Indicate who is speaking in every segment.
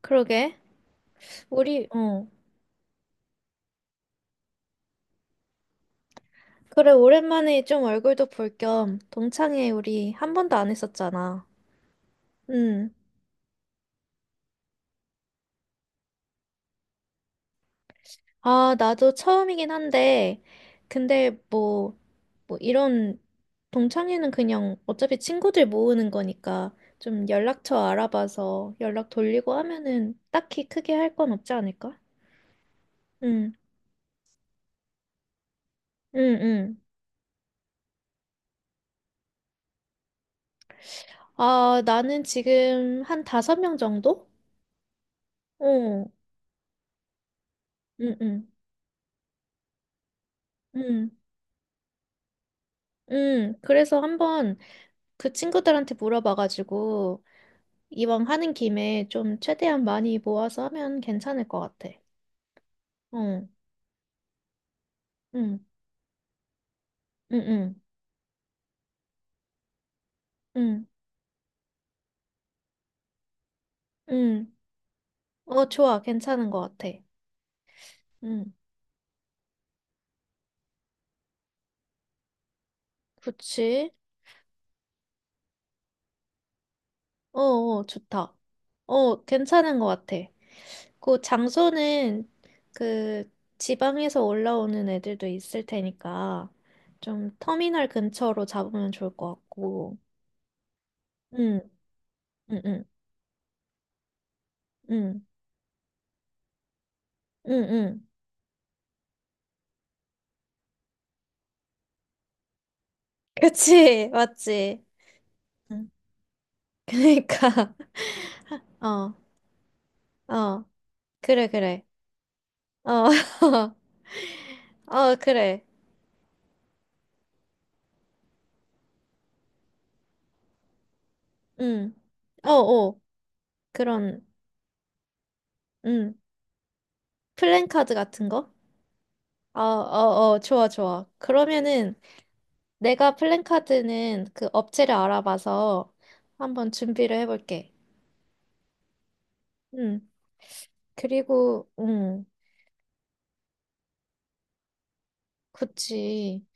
Speaker 1: 그러게. 우리, 어. 그래, 오랜만에 좀 얼굴도 볼 겸 동창회 우리 한 번도 안 했었잖아. 음. 아, 나도 처음이긴 한데, 근데 뭐, 뭐 이런 동창회는 그냥 어차피 친구들 모으는 거니까 좀 연락처 알아봐서 연락 돌리고 하면은 딱히 크게 할 건 없지 않을까? 응, 응, 응. 아, 나는 지금 한 다섯 명 정도? 어, 응, 응, 응. 그래서 한번 그 친구들한테 물어봐가지고 이왕 하는 김에 좀 최대한 많이 모아서 하면 괜찮을 것 같아. 어, 응, 응, 응, 응, 응. 어, 좋아. 괜찮은 것 같아. 응, 그치? 어, 어, 좋다. 어, 괜찮은 것 같아. 그 장소는 그 지방에서 올라오는 애들도 있을 테니까 좀 터미널 근처로 잡으면 좋을 것 같고. 응, 응, 응, 응, 응, 응. 그치, 맞지. 응. 그러니까 어, 어, 그래, 그래, 어, 어, 그래, 응, 어, 어, 그런, 응, 플랜카드 같은 거? 어, 어, 어, 좋아, 좋아. 그러면은 내가 플랜카드는 그 업체를 알아봐서 한번 준비를 해볼게. 응, 그리고, 응, 그치.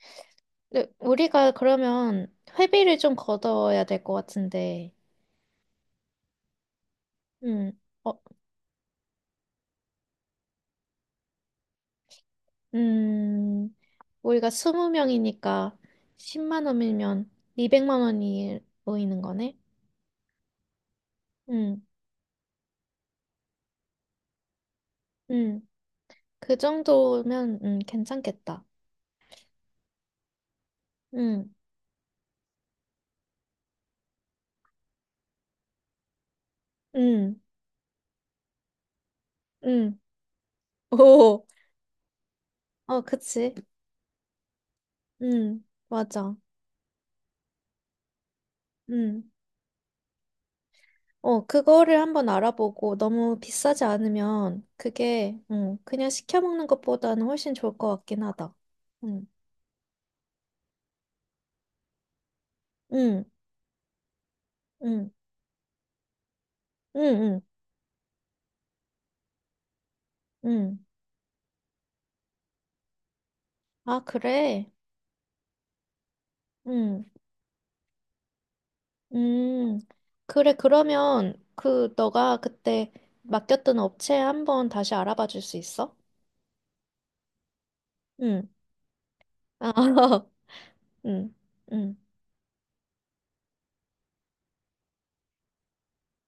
Speaker 1: 근데 우리가 그러면 회비를 좀 걷어야 될 것 같은데, 응. 어, 음, 우리가 스무 명이니까 10만 원이면 200만 원이 모이는 거네? 응, 응, 그 정도면, 괜찮겠다. 응, 응, 응. 오, 어, 그치. 응, 맞아. 응, 어, 그거를 한번 알아보고 너무 비싸지 않으면 그게, 응 그냥 시켜 먹는 것보다는 훨씬 좋을 것 같긴 하다. 응, 응, 응, 응, 응, 응. 아, 그래? 응 음, 그래, 그러면 그 너가 그때 맡겼던 업체 한번 다시 알아봐 줄 수 있어? 응. 아, 응, 응.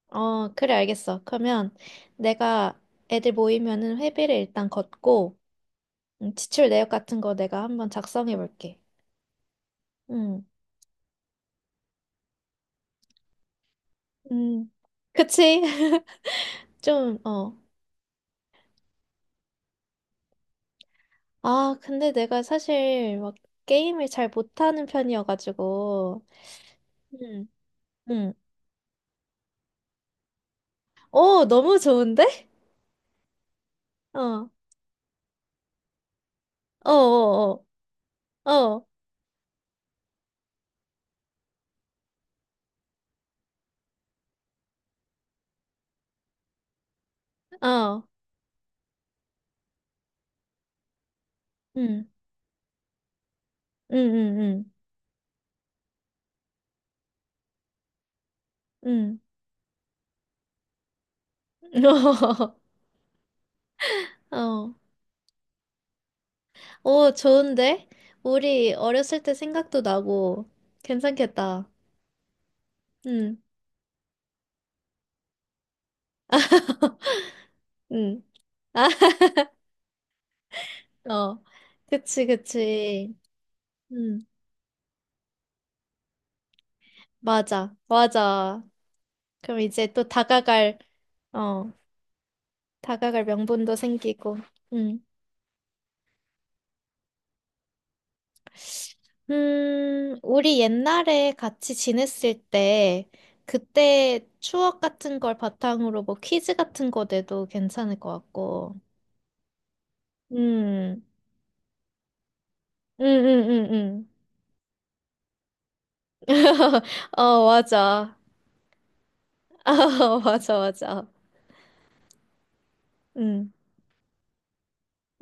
Speaker 1: 어, 그래, 알겠어. 그러면 내가 애들 모이면은 회비를 일단 걷고, 지출 내역 같은 거 내가 한번 작성해 볼게. 응, 응. 그치? 좀, 어. 아, 근데 내가 사실 막 게임을 잘 못하는 편이어가지고, 응, 응. 오, 너무 좋은데? 어. 어어어, 어, 어, 어, 어, 응, 응, 응, 응, 응. 어, 오, 좋은데? 우리 어렸을 때 생각도 나고, 괜찮겠다. 응, 응. 아, 어, 그치, 그치. 응, 맞아, 맞아. 그럼 이제 또 다가갈, 어, 다가갈 명분도 생기고, 응. 우리 옛날에 같이 지냈을 때, 그때 추억 같은 걸 바탕으로 뭐 퀴즈 같은 거 내도 괜찮을 것 같고. 음, 음, 음, 음, 음. 어, 맞아. 아, 맞아, 맞아. 음,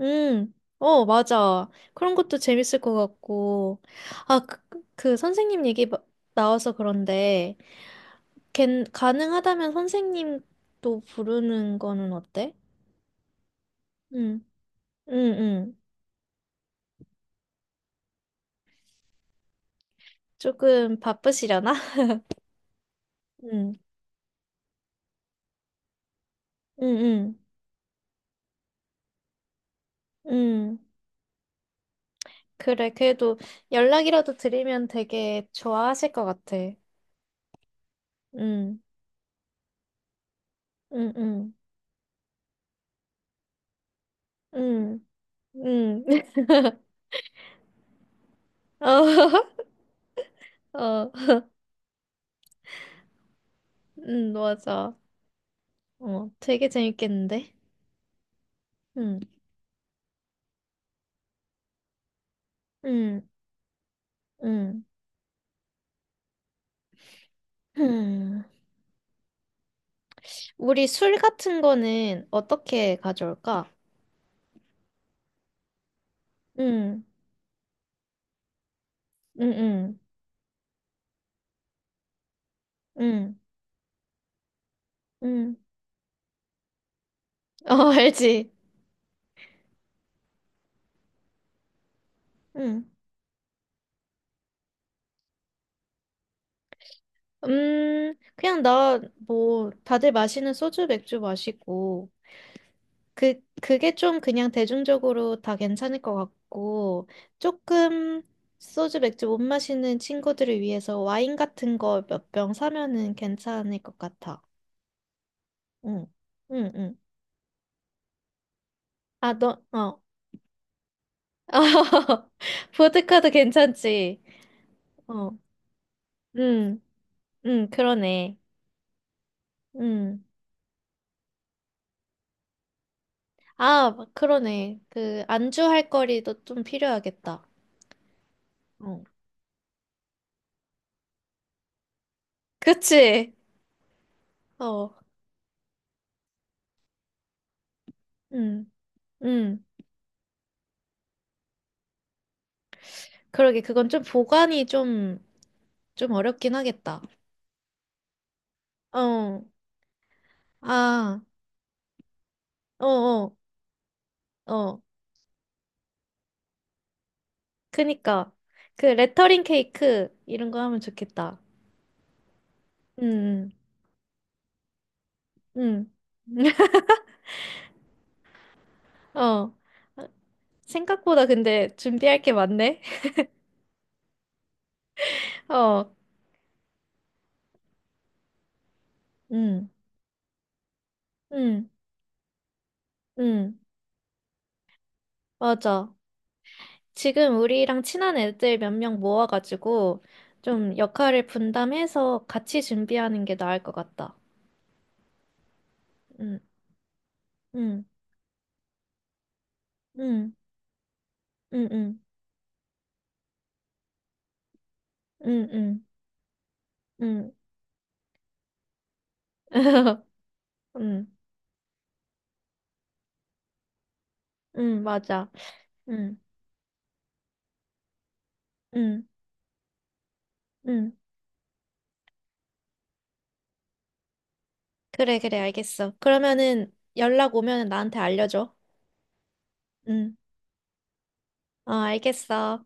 Speaker 1: 음, 어, 맞아. 그런 것도 재밌을 것 같고. 아, 그, 그 선생님 얘기 마- 나와서 그런데, 걘, 가능하다면 선생님도 부르는 거는 어때? 응 응응 조금 바쁘시려나? 응, 응, 응, 응. 그래, 그래도 연락이라도 드리면 되게 좋아하실 것 같아. 응, 응, 응, 응, 응. 어, 어, 응, 맞아. 어, 되게 재밌겠는데? 응, 응, 응. 음. 우리 술 같은 거는 어떻게 가져올까? 응, 응, 응, 응, 응. 어, 알지? 응. 그냥 나, 뭐, 다들 마시는 소주, 맥주 마시고, 그게 좀 그냥 대중적으로 다 괜찮을 것 같고, 조금 소주, 맥주 못 마시는 친구들을 위해서 와인 같은 거 몇 병 사면은 괜찮을 것 같아. 응, 응, 응. 아, 너, 어. 보드카도 괜찮지. 어, 응, 응, 그러네. 응. 아, 그러네. 그, 안주 할 거리도 좀 필요하겠다. 어. 그치? 어, 음, 음. 그러게, 그건 좀 보관이 좀, 좀 어렵긴 하겠다. 어, 아, 어, 어, 어. 그니까. 그 레터링 케이크, 이런 거 하면 좋겠다. 음, 음. 어. 생각보다 근데 준비할 게 많네? 어, 음, 음, 음. 맞아. 지금 우리랑 친한 애들 몇 명 모아가지고 좀 역할을 분담해서 같이 준비하는 게 나을 것 같다. 응, 응, 응, 응, 응, 응, 응, 응, 응, 응, 맞아. 응, 응, 응. 그래, 그래, 알겠어. 그러면은 연락 오면 나한테 알려줘. 응, 어, 알겠어.